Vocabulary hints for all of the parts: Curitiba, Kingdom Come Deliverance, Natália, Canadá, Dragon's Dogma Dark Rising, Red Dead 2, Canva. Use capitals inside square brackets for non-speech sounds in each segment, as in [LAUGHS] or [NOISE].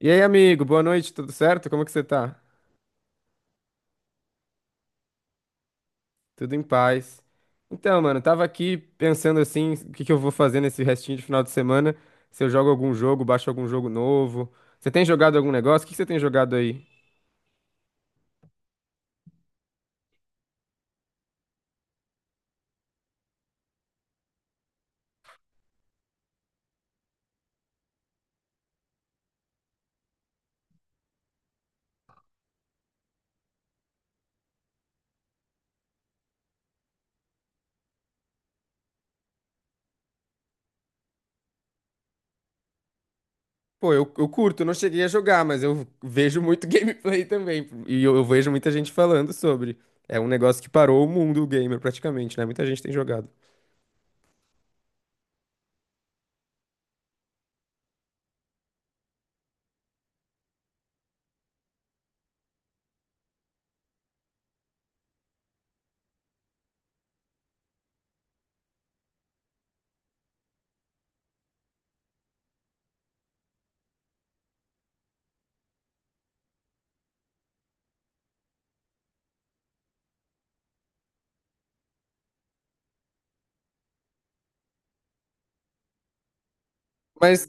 E aí, amigo, boa noite, tudo certo? Como é que você tá? Tudo em paz. Então, mano, tava aqui pensando assim, o que que eu vou fazer nesse restinho de final de semana? Se eu jogo algum jogo, baixo algum jogo novo. Você tem jogado algum negócio? O que que você tem jogado aí? Pô, eu curto, não cheguei a jogar, mas eu vejo muito [LAUGHS] gameplay também. E eu vejo muita gente falando sobre. É um negócio que parou o mundo gamer praticamente, né? Muita gente tem jogado. Mas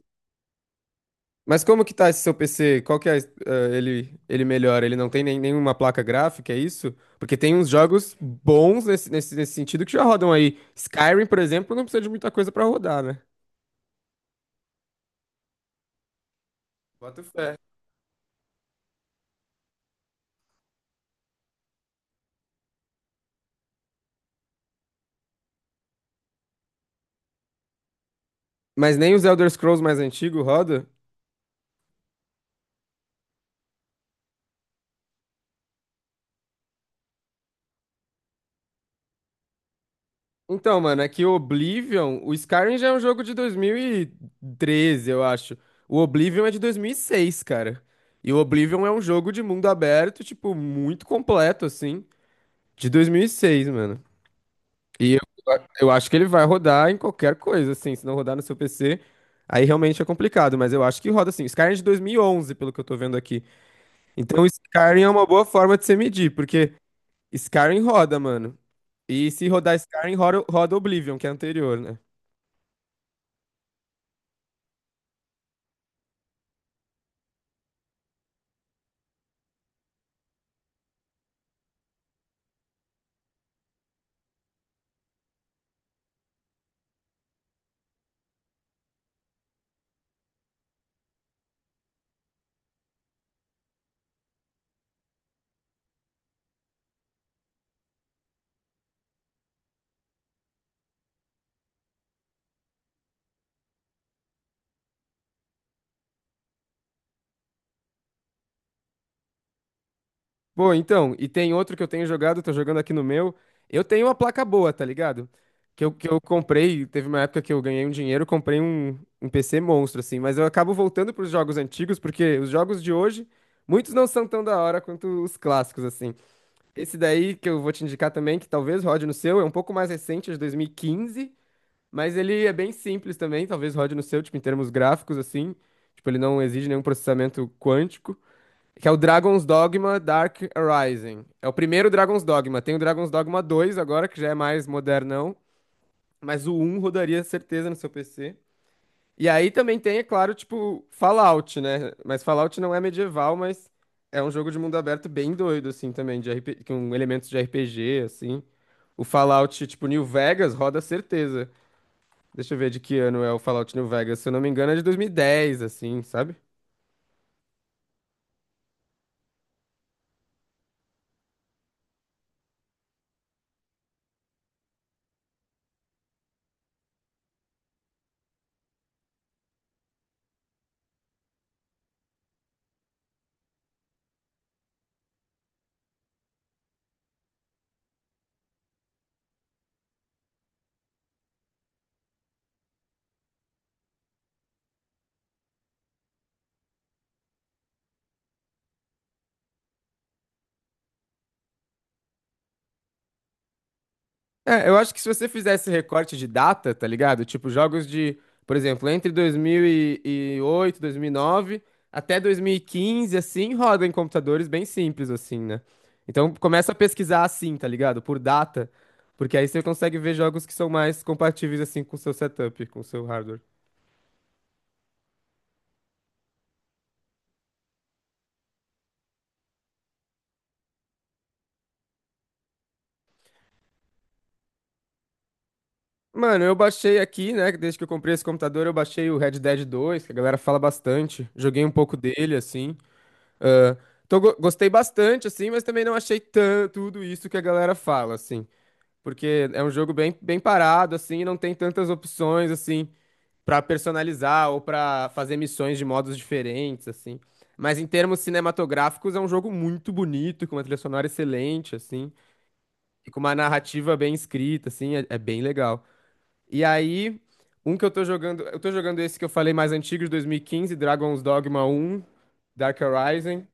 Mas como que tá esse seu PC? Qual que é, ele melhora? Ele não tem nem, nenhuma placa gráfica, é isso? Porque tem uns jogos bons nesse sentido que já rodam aí. Skyrim, por exemplo, não precisa de muita coisa pra rodar, né? Bota fé. Mas nem os Elder Scrolls mais antigos roda? Então, mano, é que o Oblivion, o Skyrim já é um jogo de dois mil e treze, eu acho. O Oblivion é de 2006, cara. E o Oblivion é um jogo de mundo aberto, tipo, muito completo, assim, de 2006, mano. E eu acho que ele vai rodar em qualquer coisa, assim. Se não rodar no seu PC, aí realmente é complicado. Mas eu acho que roda, assim. Skyrim é de 2011, pelo que eu tô vendo aqui. Então, Skyrim é uma boa forma de você medir, porque Skyrim roda, mano. E se rodar Skyrim, roda Oblivion, que é anterior, né? Pô, então, e tem outro que eu tenho jogado, tô jogando aqui no meu. Eu tenho uma placa boa, tá ligado? Que eu comprei, teve uma época que eu ganhei um dinheiro, comprei um PC monstro, assim, mas eu acabo voltando pros jogos antigos, porque os jogos de hoje, muitos não são tão da hora quanto os clássicos, assim. Esse daí que eu vou te indicar também, que talvez rode no seu, é um pouco mais recente, é de 2015, mas ele é bem simples também, talvez rode no seu, tipo, em termos gráficos, assim. Tipo, ele não exige nenhum processamento quântico. Que é o Dragon's Dogma Dark Rising. É o primeiro Dragon's Dogma. Tem o Dragon's Dogma 2 agora, que já é mais modernão. Mas o um rodaria certeza no seu PC. E aí também tem, é claro, tipo, Fallout, né? Mas Fallout não é medieval, mas é um jogo de mundo aberto bem doido, assim, também, com elementos de RPG, assim. O Fallout, tipo, New Vegas roda certeza. Deixa eu ver de que ano é o Fallout New Vegas. Se eu não me engano, é de 2010, assim, sabe? É, eu acho que se você fizesse recorte de data, tá ligado? Tipo, jogos de, por exemplo, entre 2008, 2009 até 2015, assim, roda em computadores bem simples, assim, né? Então, começa a pesquisar assim, tá ligado? Por data, porque aí você consegue ver jogos que são mais compatíveis, assim, com o seu setup, com o seu hardware. Mano, eu baixei aqui, né? Desde que eu comprei esse computador, eu baixei o Red Dead 2, que a galera fala bastante. Joguei um pouco dele, assim. Ah, então gostei bastante, assim, mas também não achei tudo isso que a galera fala, assim. Porque é um jogo bem, bem parado, assim, não tem tantas opções, assim, pra personalizar ou pra fazer missões de modos diferentes, assim. Mas em termos cinematográficos, é um jogo muito bonito, com uma trilha sonora excelente, assim, e com uma narrativa bem escrita, assim, é, é bem legal. E aí, um que eu tô jogando esse que eu falei mais antigo, de 2015, Dragon's Dogma um, Dark Horizon,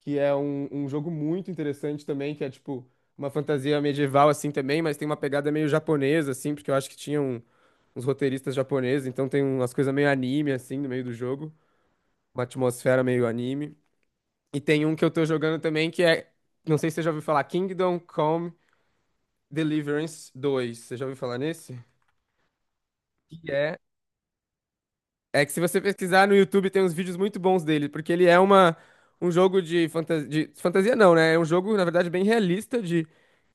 que é um, um jogo muito interessante também, que é tipo uma fantasia medieval assim também, mas tem uma pegada meio japonesa assim, porque eu acho que tinham uns roteiristas japoneses, então tem umas coisas meio anime assim no meio do jogo, uma atmosfera meio anime. E tem um que eu tô jogando também que é, não sei se você já ouviu falar, Kingdom Come Deliverance dois. Você já ouviu falar nesse? Que é... É que se você pesquisar no YouTube tem uns vídeos muito bons dele, porque ele é uma, um jogo de, de fantasia não, né? É um jogo, na verdade, bem realista de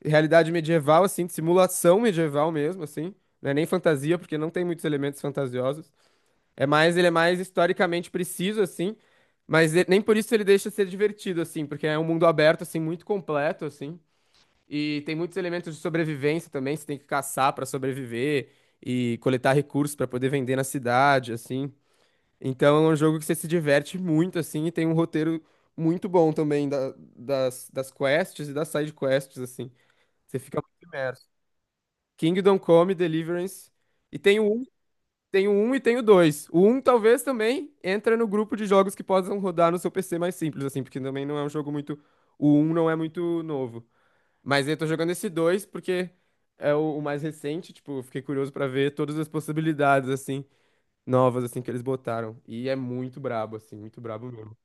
realidade medieval, assim, de simulação medieval mesmo, assim. Não é nem fantasia, porque não tem muitos elementos fantasiosos. É mais, ele é mais historicamente preciso, assim, mas nem por isso ele deixa de ser divertido, assim, porque é um mundo aberto, assim, muito completo, assim. E tem muitos elementos de sobrevivência também, você tem que caçar pra sobreviver e coletar recursos pra poder vender na cidade, assim. Então é um jogo que você se diverte muito, assim, e tem um roteiro muito bom também das, das quests e das side quests, assim. Você fica muito imerso. Kingdom Come Deliverance. E tem o 1, tem o um e tem o dois. O um talvez também entra no grupo de jogos que possam rodar no seu PC mais simples, assim, porque também não é um jogo muito. O um não é muito novo. Mas eu tô jogando esse 2 porque é o mais recente, tipo, eu fiquei curioso pra ver todas as possibilidades, assim novas, assim, que eles botaram. E é muito brabo, assim, muito brabo mesmo.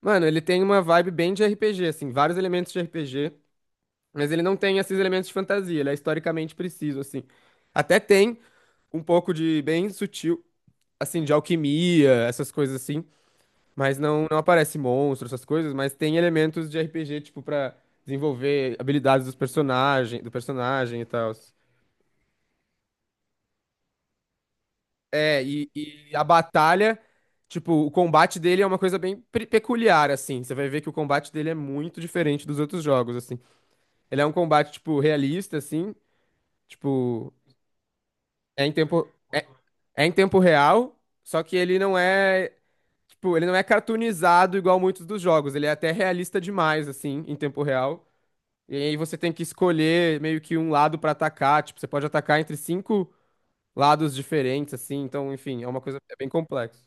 Mano, ele tem uma vibe bem de RPG, assim, vários elementos de RPG, mas ele não tem esses elementos de fantasia, ele é historicamente preciso, assim. Até tem um pouco de bem sutil, assim, de alquimia, essas coisas assim, mas não aparece monstro, essas coisas, mas tem elementos de RPG, tipo, pra desenvolver habilidades dos personagem, do personagem e tal. É, e a batalha, tipo, o combate dele é uma coisa bem peculiar, assim. Você vai ver que o combate dele é muito diferente dos outros jogos, assim. Ele é um combate, tipo, realista, assim. Tipo, é em tempo, é, é em tempo real, só que ele não é, tipo, ele não é cartoonizado igual muitos dos jogos. Ele é até realista demais, assim, em tempo real. E aí você tem que escolher meio que um lado pra atacar. Tipo, você pode atacar entre cinco lados diferentes, assim. Então, enfim, é uma coisa bem complexa.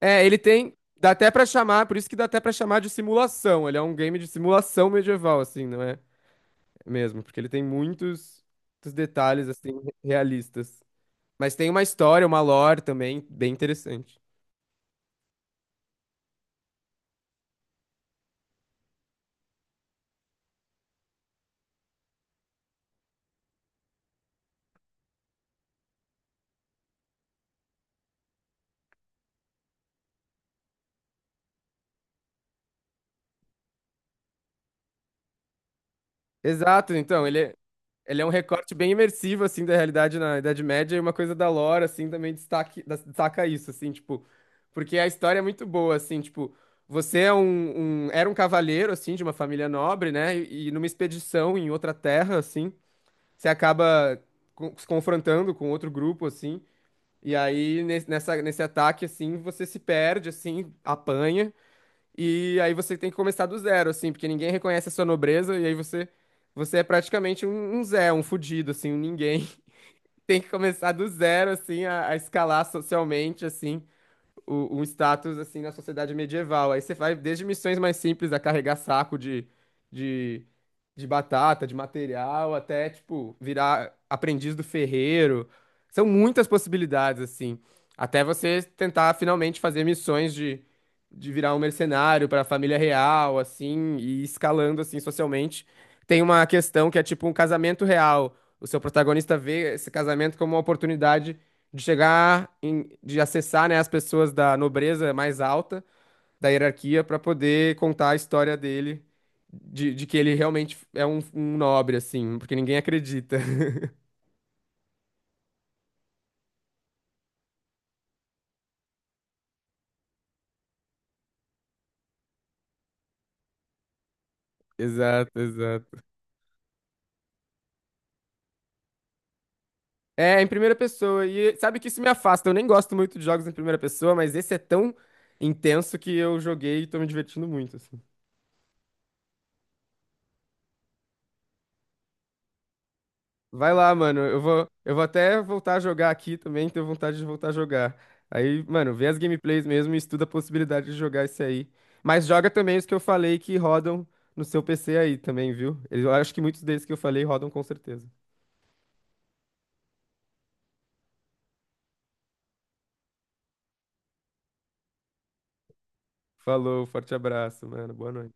É, ele tem. Dá até pra chamar, por isso que dá até pra chamar de simulação. Ele é um game de simulação medieval, assim, não é? Mesmo, porque ele tem muitos, muitos detalhes, assim, realistas. Mas tem uma história, uma lore também, bem interessante. Exato, então, ele é um recorte bem imersivo, assim, da realidade na Idade Média, e uma coisa da lore, assim, também destaque, destaca isso, assim, tipo, porque a história é muito boa, assim, tipo, você é um, era um cavaleiro, assim, de uma família nobre, né, e numa expedição em outra terra, assim, você acaba se confrontando com outro grupo, assim, e aí nesse ataque, assim, você se perde, assim, apanha, e aí você tem que começar do zero, assim, porque ninguém reconhece a sua nobreza, e aí você, você é praticamente um, um Zé, um fudido, assim, um ninguém. [LAUGHS] Tem que começar do zero, assim, a escalar socialmente, assim, um status assim na sociedade medieval. Aí você vai desde missões mais simples a carregar saco de, de batata, de material, até tipo virar aprendiz do ferreiro. São muitas possibilidades assim, até você tentar finalmente fazer missões de virar um mercenário para a família real, assim, e escalando assim socialmente. Tem uma questão que é tipo um casamento real. O seu protagonista vê esse casamento como uma oportunidade de de acessar, né, as pessoas da nobreza mais alta da hierarquia para poder contar a história dele de que ele realmente é um, um nobre assim, porque ninguém acredita. [LAUGHS] Exato, exato. É, em primeira pessoa. E sabe que isso me afasta. Eu nem gosto muito de jogos em primeira pessoa, mas esse é tão intenso que eu joguei e tô me divertindo muito, assim. Vai lá, mano. Eu vou até voltar a jogar aqui também, tenho vontade de voltar a jogar. Aí, mano, vê as gameplays mesmo e estuda a possibilidade de jogar esse aí. Mas joga também os que eu falei que rodam no seu PC aí também, viu? Eu acho que muitos desses que eu falei rodam com certeza. Falou, forte abraço, mano. Boa noite.